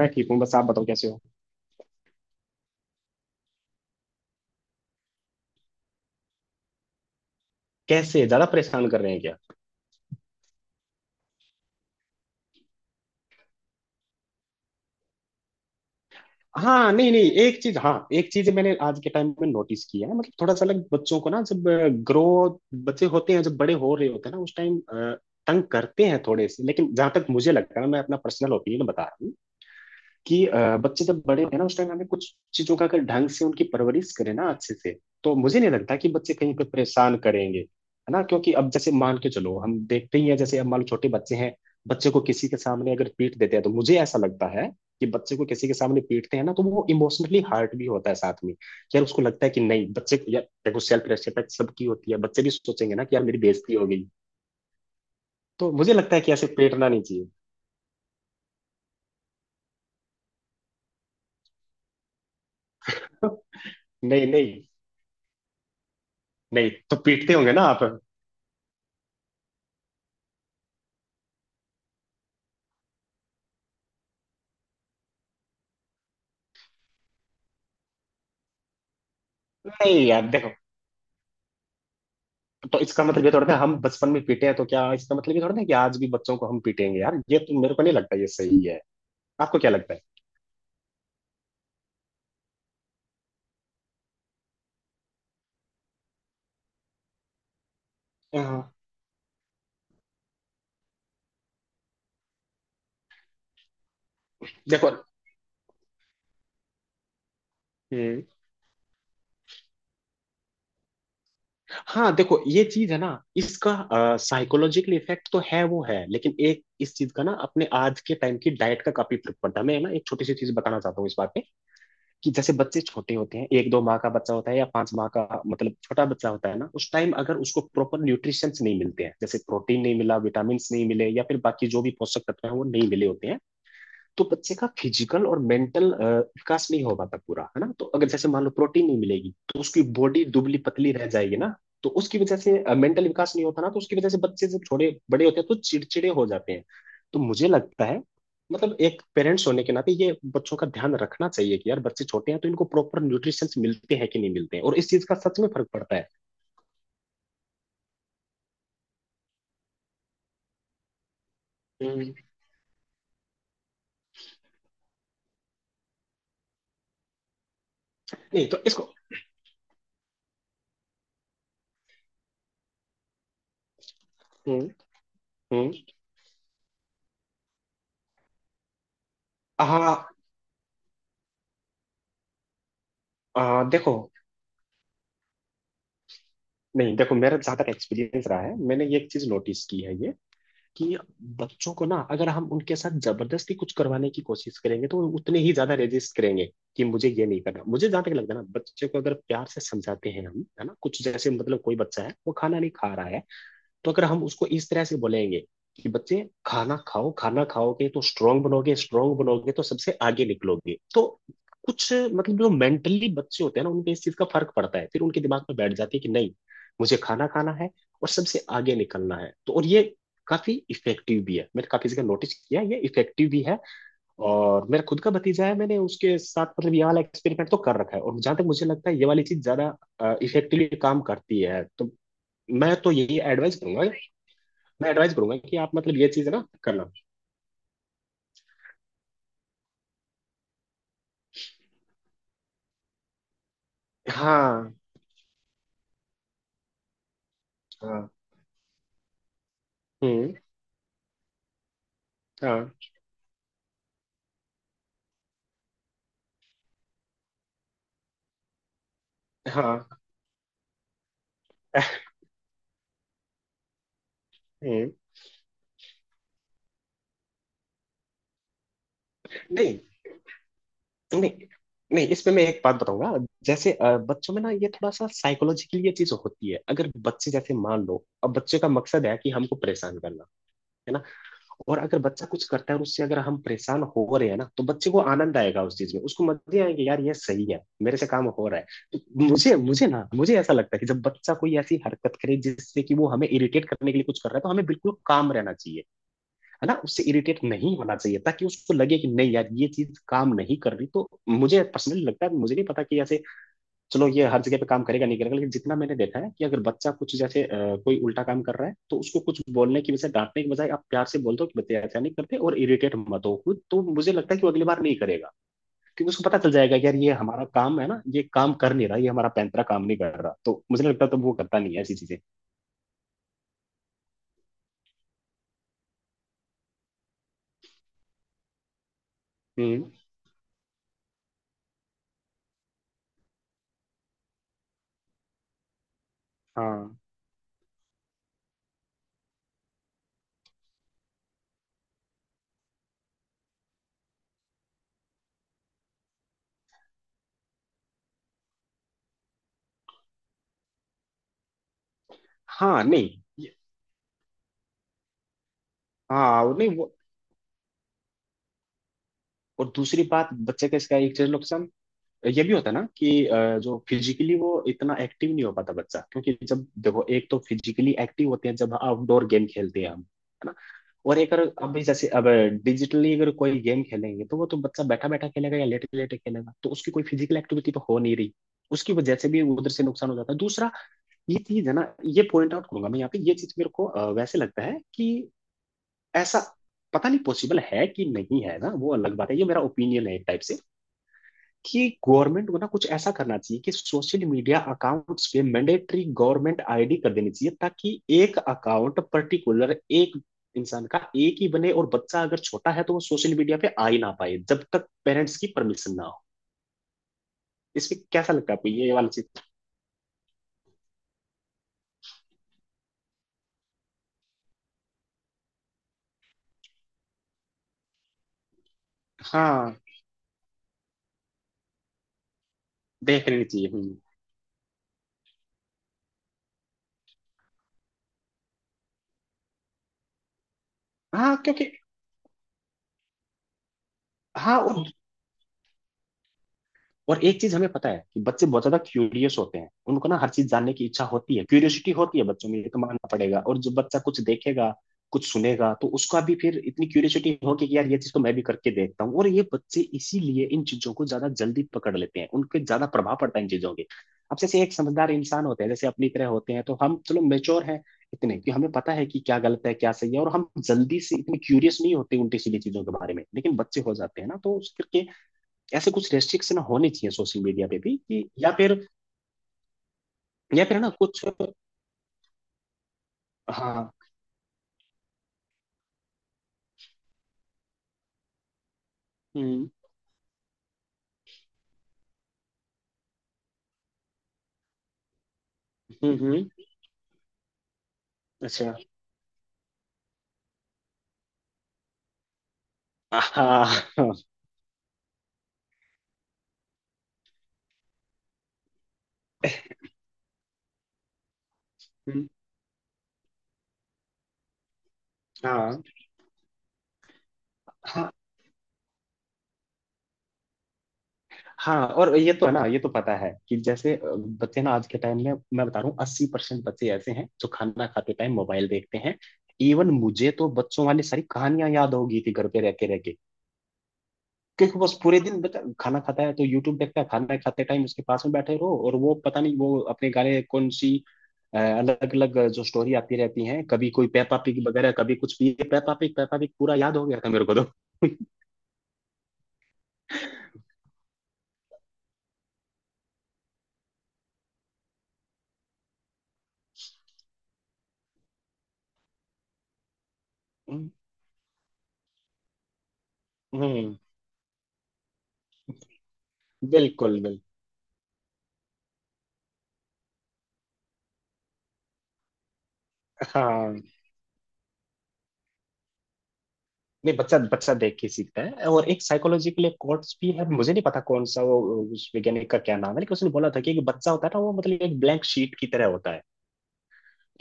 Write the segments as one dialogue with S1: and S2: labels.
S1: मैं ठीक हूँ, बस आप बताओ कैसे हो। कैसे, ज्यादा परेशान कर रहे हैं क्या? हाँ, नहीं नहीं एक चीज हाँ एक चीज मैंने आज के टाइम में नोटिस किया है। मतलब थोड़ा सा अलग, बच्चों को ना जब ग्रो, बच्चे होते हैं, जब बड़े हो रहे होते हैं ना उस टाइम तंग करते हैं थोड़े से। लेकिन जहां तक मुझे लगता है, मैं अपना पर्सनल ओपिनियन बता रहा हूँ कि बच्चे जब बड़े होंगे ना उस टाइम हमें कुछ चीजों का, अगर ढंग से उनकी परवरिश करें ना अच्छे से, तो मुझे नहीं लगता कि बच्चे कहीं पे परेशान करेंगे, है ना? क्योंकि अब जैसे मान के चलो, हम देखते ही हैं जैसे, अब मान लो छोटे बच्चे हैं, बच्चे को किसी के सामने अगर पीट देते हैं तो मुझे ऐसा लगता है कि बच्चे को किसी के सामने पीटते हैं ना तो वो इमोशनली हर्ट भी होता है साथ में यार। उसको लगता है कि नहीं, बच्चे को, यार देखो सेल्फ रेस्पेक्ट सबकी होती है, बच्चे भी सोचेंगे ना कि यार मेरी बेइज्जती हो गई। तो मुझे लगता है कि ऐसे पीटना नहीं चाहिए। नहीं नहीं, नहीं तो पीटते होंगे ना आप। नहीं यार देखो, तो इसका मतलब ये थोड़ा ना हम बचपन में पीटे हैं तो क्या इसका मतलब ये थोड़ा ना कि आज भी बच्चों को हम पीटेंगे? यार ये तो मेरे को नहीं लगता ये सही है। आपको क्या लगता है? हाँ देखो। हम्म। हाँ देखो, ये चीज है ना, इसका साइकोलॉजिकल इफेक्ट तो है, वो है। लेकिन एक इस चीज का ना, अपने आज के टाइम की डाइट का काफी फर्क पड़ता है। मैं ना एक छोटी सी चीज बताना चाहता हूँ इस बात पे कि जैसे बच्चे छोटे होते हैं, एक दो माह का बच्चा होता है या पांच माह का, मतलब छोटा बच्चा होता है ना, उस टाइम अगर उसको प्रॉपर न्यूट्रिशंस नहीं मिलते हैं, जैसे प्रोटीन नहीं मिला, विटामिन नहीं मिले, या फिर बाकी जो भी पोषक तत्व है वो नहीं मिले होते हैं, तो बच्चे का फिजिकल और मेंटल विकास नहीं हो पाता पूरा, है ना? तो अगर जैसे मान लो प्रोटीन नहीं मिलेगी तो उसकी बॉडी दुबली पतली रह जाएगी ना, तो उसकी वजह से मेंटल विकास नहीं होता ना, तो उसकी वजह से बच्चे जब छोटे बड़े होते हैं तो चिड़चिड़े हो जाते हैं। तो मुझे लगता है मतलब एक पेरेंट्स होने के नाते ये बच्चों का ध्यान रखना चाहिए कि यार बच्चे छोटे हैं तो इनको प्रॉपर न्यूट्रिशन मिलते हैं कि नहीं मिलते हैं, और इस चीज का सच में फर्क पड़ता है। हम्म। नहीं तो इसको। हम्म हम्म। हाँ। हाँ, देखो, नहीं देखो मेरा ज्यादा एक्सपीरियंस रहा है, मैंने ये एक चीज नोटिस की है ये कि बच्चों को ना अगर हम उनके साथ जबरदस्ती कुछ करवाने की कोशिश करेंगे तो वो उतने ही ज्यादा रेजिस्ट करेंगे कि मुझे ये नहीं करना। मुझे जहां तक लगता है ना बच्चे को अगर प्यार से समझाते हैं हम, है ना? कुछ जैसे मतलब कोई बच्चा है वो खाना नहीं खा रहा है, तो अगर हम उसको इस तरह से बोलेंगे कि बच्चे खाना खाओ, खाना खाओगे तो स्ट्रांग बनोगे, स्ट्रांग बनोगे तो सबसे आगे निकलोगे, तो कुछ मतलब जो मेंटली बच्चे होते हैं ना उनपे इस चीज का फर्क पड़ता है, फिर उनके दिमाग में बैठ जाती है कि नहीं मुझे खाना खाना है और सबसे आगे निकलना है। तो और ये काफी इफेक्टिव भी है, मैंने काफी जगह नोटिस किया ये इफेक्टिव भी है। और मेरा खुद का भतीजा है, मैंने उसके साथ मतलब ये वाला एक्सपेरिमेंट तो कर रखा है, और जहां तक मुझे लगता है ये वाली चीज ज्यादा इफेक्टिवली काम करती है, तो मैं तो यही एडवाइस करूंगा। मैं एडवाइस करूंगा कि आप मतलब ये चीज है ना करना। हाँ। हाँ। हम्म। हाँ। हाँ। हम्म। नहीं नहीं नहीं इसमें मैं एक बात बताऊंगा। जैसे बच्चों में ना ये थोड़ा सा साइकोलॉजिकली ये चीज होती है, अगर बच्चे जैसे मान लो, अब बच्चे का मकसद है कि हमको परेशान करना, है ना? और अगर बच्चा कुछ करता है और उससे अगर हम परेशान हो रहे हैं ना, तो बच्चे को आनंद आएगा उस चीज में, उसको मजे आएंगे यार ये सही है मेरे से काम हो रहा है। तो मुझे मुझे ना मुझे ऐसा लगता है कि जब बच्चा कोई ऐसी हरकत करे जिससे कि वो हमें इरिटेट करने के लिए कुछ कर रहा है, तो हमें बिल्कुल काम रहना चाहिए, है ना? उससे इरिटेट नहीं होना चाहिए, ताकि उसको लगे कि नहीं यार ये चीज काम नहीं कर रही। तो मुझे पर्सनली लगता है, मुझे नहीं पता कि ऐसे चलो ये हर जगह पे काम करेगा नहीं करेगा, लेकिन जितना मैंने देखा है कि अगर बच्चा कुछ जैसे कोई उल्टा काम कर रहा है, तो उसको कुछ बोलने की वजह डांटने की बजाय आप प्यार से बोल दो कि बच्चे ऐसा नहीं करते और इरिटेट मत हो खुद, तो मुझे लगता है कि वो अगली बार नहीं करेगा, क्योंकि उसको पता चल जाएगा कि यार ये हमारा काम है ना, ये काम कर नहीं रहा, ये हमारा पैंतरा काम नहीं कर रहा, तो मुझे लगता है तो वो करता नहीं है ऐसी चीजें। हम्म। हाँ। हाँ नहीं ये- हाँ और नहीं वो, और दूसरी बात बच्चे का इसका एक चीज नुकसान ये भी होता है ना कि जो फिजिकली वो इतना एक्टिव नहीं हो पाता बच्चा, क्योंकि जब देखो एक तो फिजिकली एक्टिव होते हैं जब आउटडोर गेम खेलते हैं हम, है ना? और एक अगर अब जैसे अब डिजिटली अगर कोई गेम खेलेंगे तो वो तो बच्चा बैठा बैठा खेलेगा या लेटे लेटे खेलेगा, तो उसकी कोई फिजिकल एक्टिविटी तो हो नहीं रही, उसकी वजह से भी उधर से नुकसान हो जाता है। दूसरा ये चीज है ना ये पॉइंट आउट करूंगा मैं यहाँ पे, ये चीज मेरे को वैसे लगता है कि ऐसा, पता नहीं पॉसिबल है कि नहीं, है ना? वो अलग बात है, ये मेरा ओपिनियन है एक टाइप से, कि गवर्नमेंट को ना कुछ ऐसा करना चाहिए कि सोशल मीडिया अकाउंट्स पे मैंडेटरी गवर्नमेंट आईडी कर देनी चाहिए, ताकि एक अकाउंट पर्टिकुलर एक इंसान का एक ही बने, और बच्चा अगर छोटा है तो वो सोशल मीडिया पे आ ही ना पाए जब तक पेरेंट्स की परमिशन ना हो। इसमें कैसा लगता है आपको ये वाला चीज? हाँ देख लेनी चाहिए। हम्म। हाँ क्योंकि। हाँ और एक चीज हमें पता है कि बच्चे बहुत ज्यादा क्यूरियस होते हैं, उनको ना हर चीज जानने की इच्छा होती है, क्यूरियोसिटी होती है बच्चों में, ये तो मानना पड़ेगा। और जब बच्चा कुछ देखेगा कुछ सुनेगा, तो उसका भी फिर इतनी क्यूरियोसिटी होगी कि यार ये चीज तो मैं भी करके देखता हूँ, और ये बच्चे इसीलिए इन चीजों को ज्यादा जल्दी पकड़ लेते हैं, उनके ज्यादा प्रभाव पड़ता है इन चीजों के। अब जैसे एक समझदार इंसान होते हैं जैसे अपनी तरह होते हैं, तो हम चलो मेच्योर हैं इतने कि हमें पता है कि क्या गलत है क्या सही है, और हम जल्दी से इतने क्यूरियस नहीं होते उल्टी सीधी चीजों के बारे में, लेकिन बच्चे हो जाते हैं ना, तो उसके ऐसे कुछ रेस्ट्रिक्शन होने चाहिए सोशल मीडिया पे भी, कि या फिर ना कुछ। हाँ। हम्म। हम्म। हम्म। अच्छा। हाँ। हम्म। हाँ। हाँ। हाँ और ये तो है ना ये तो पता है कि जैसे बच्चे ना आज के टाइम में मैं बता रहा हूँ 80% बच्चे ऐसे हैं जो खाना खाते टाइम मोबाइल देखते हैं। इवन मुझे तो बच्चों वाली सारी कहानियां याद होगी थी घर पे रह के क्योंकि बस पूरे दिन, बता, खाना खाता है तो यूट्यूब देखता है, खाना खाते टाइम उसके पास में बैठे रहो, और वो पता नहीं वो अपने गाने कौन सी अलग अलग जो स्टोरी आती रहती हैं, कभी कोई पेपा पिग वगैरह, कभी कुछ भी, पेपा पिग पूरा याद हो गया था मेरे को तो। हम्म। हम्म, बिल्कुल बिल्कुल। हाँ नहीं बच्चा, बच्चा देख के सीखता है। और एक साइकोलॉजिकल कोर्स भी है, मुझे नहीं पता कौन सा वो, उस वैज्ञानिक का क्या नाम है, लेकिन उसने बोला था कि एक बच्चा होता है ना वो मतलब एक ब्लैंक शीट की तरह होता है,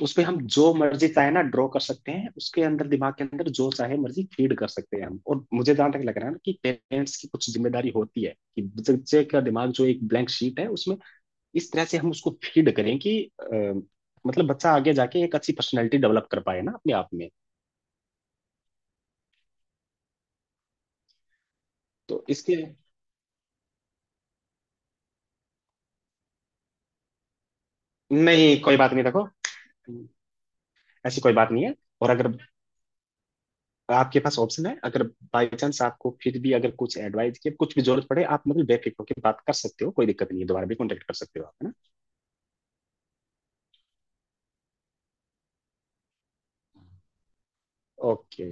S1: उस पे हम जो मर्जी चाहे ना ड्रॉ कर सकते हैं, उसके अंदर दिमाग के अंदर जो चाहे मर्जी फीड कर सकते हैं हम। और मुझे जहां तक लग रहा है ना कि पेरेंट्स की कुछ जिम्मेदारी होती है कि बच्चे का दिमाग जो एक ब्लैंक शीट है उसमें इस तरह से हम उसको फीड करें कि अ, मतलब बच्चा आगे जाके एक अच्छी पर्सनैलिटी डेवलप कर पाए ना अपने आप में। तो इसके, नहीं कोई बात नहीं, देखो ऐसी कोई बात नहीं है। और अगर आपके पास ऑप्शन है, अगर बाई चांस आपको फिर भी अगर कुछ एडवाइस की कुछ भी जरूरत पड़े, आप मतलब बेफिक्र होकर बात कर सकते हो, कोई दिक्कत नहीं है, दोबारा भी कॉन्टेक्ट कर सकते हो आप, है ना? ओके।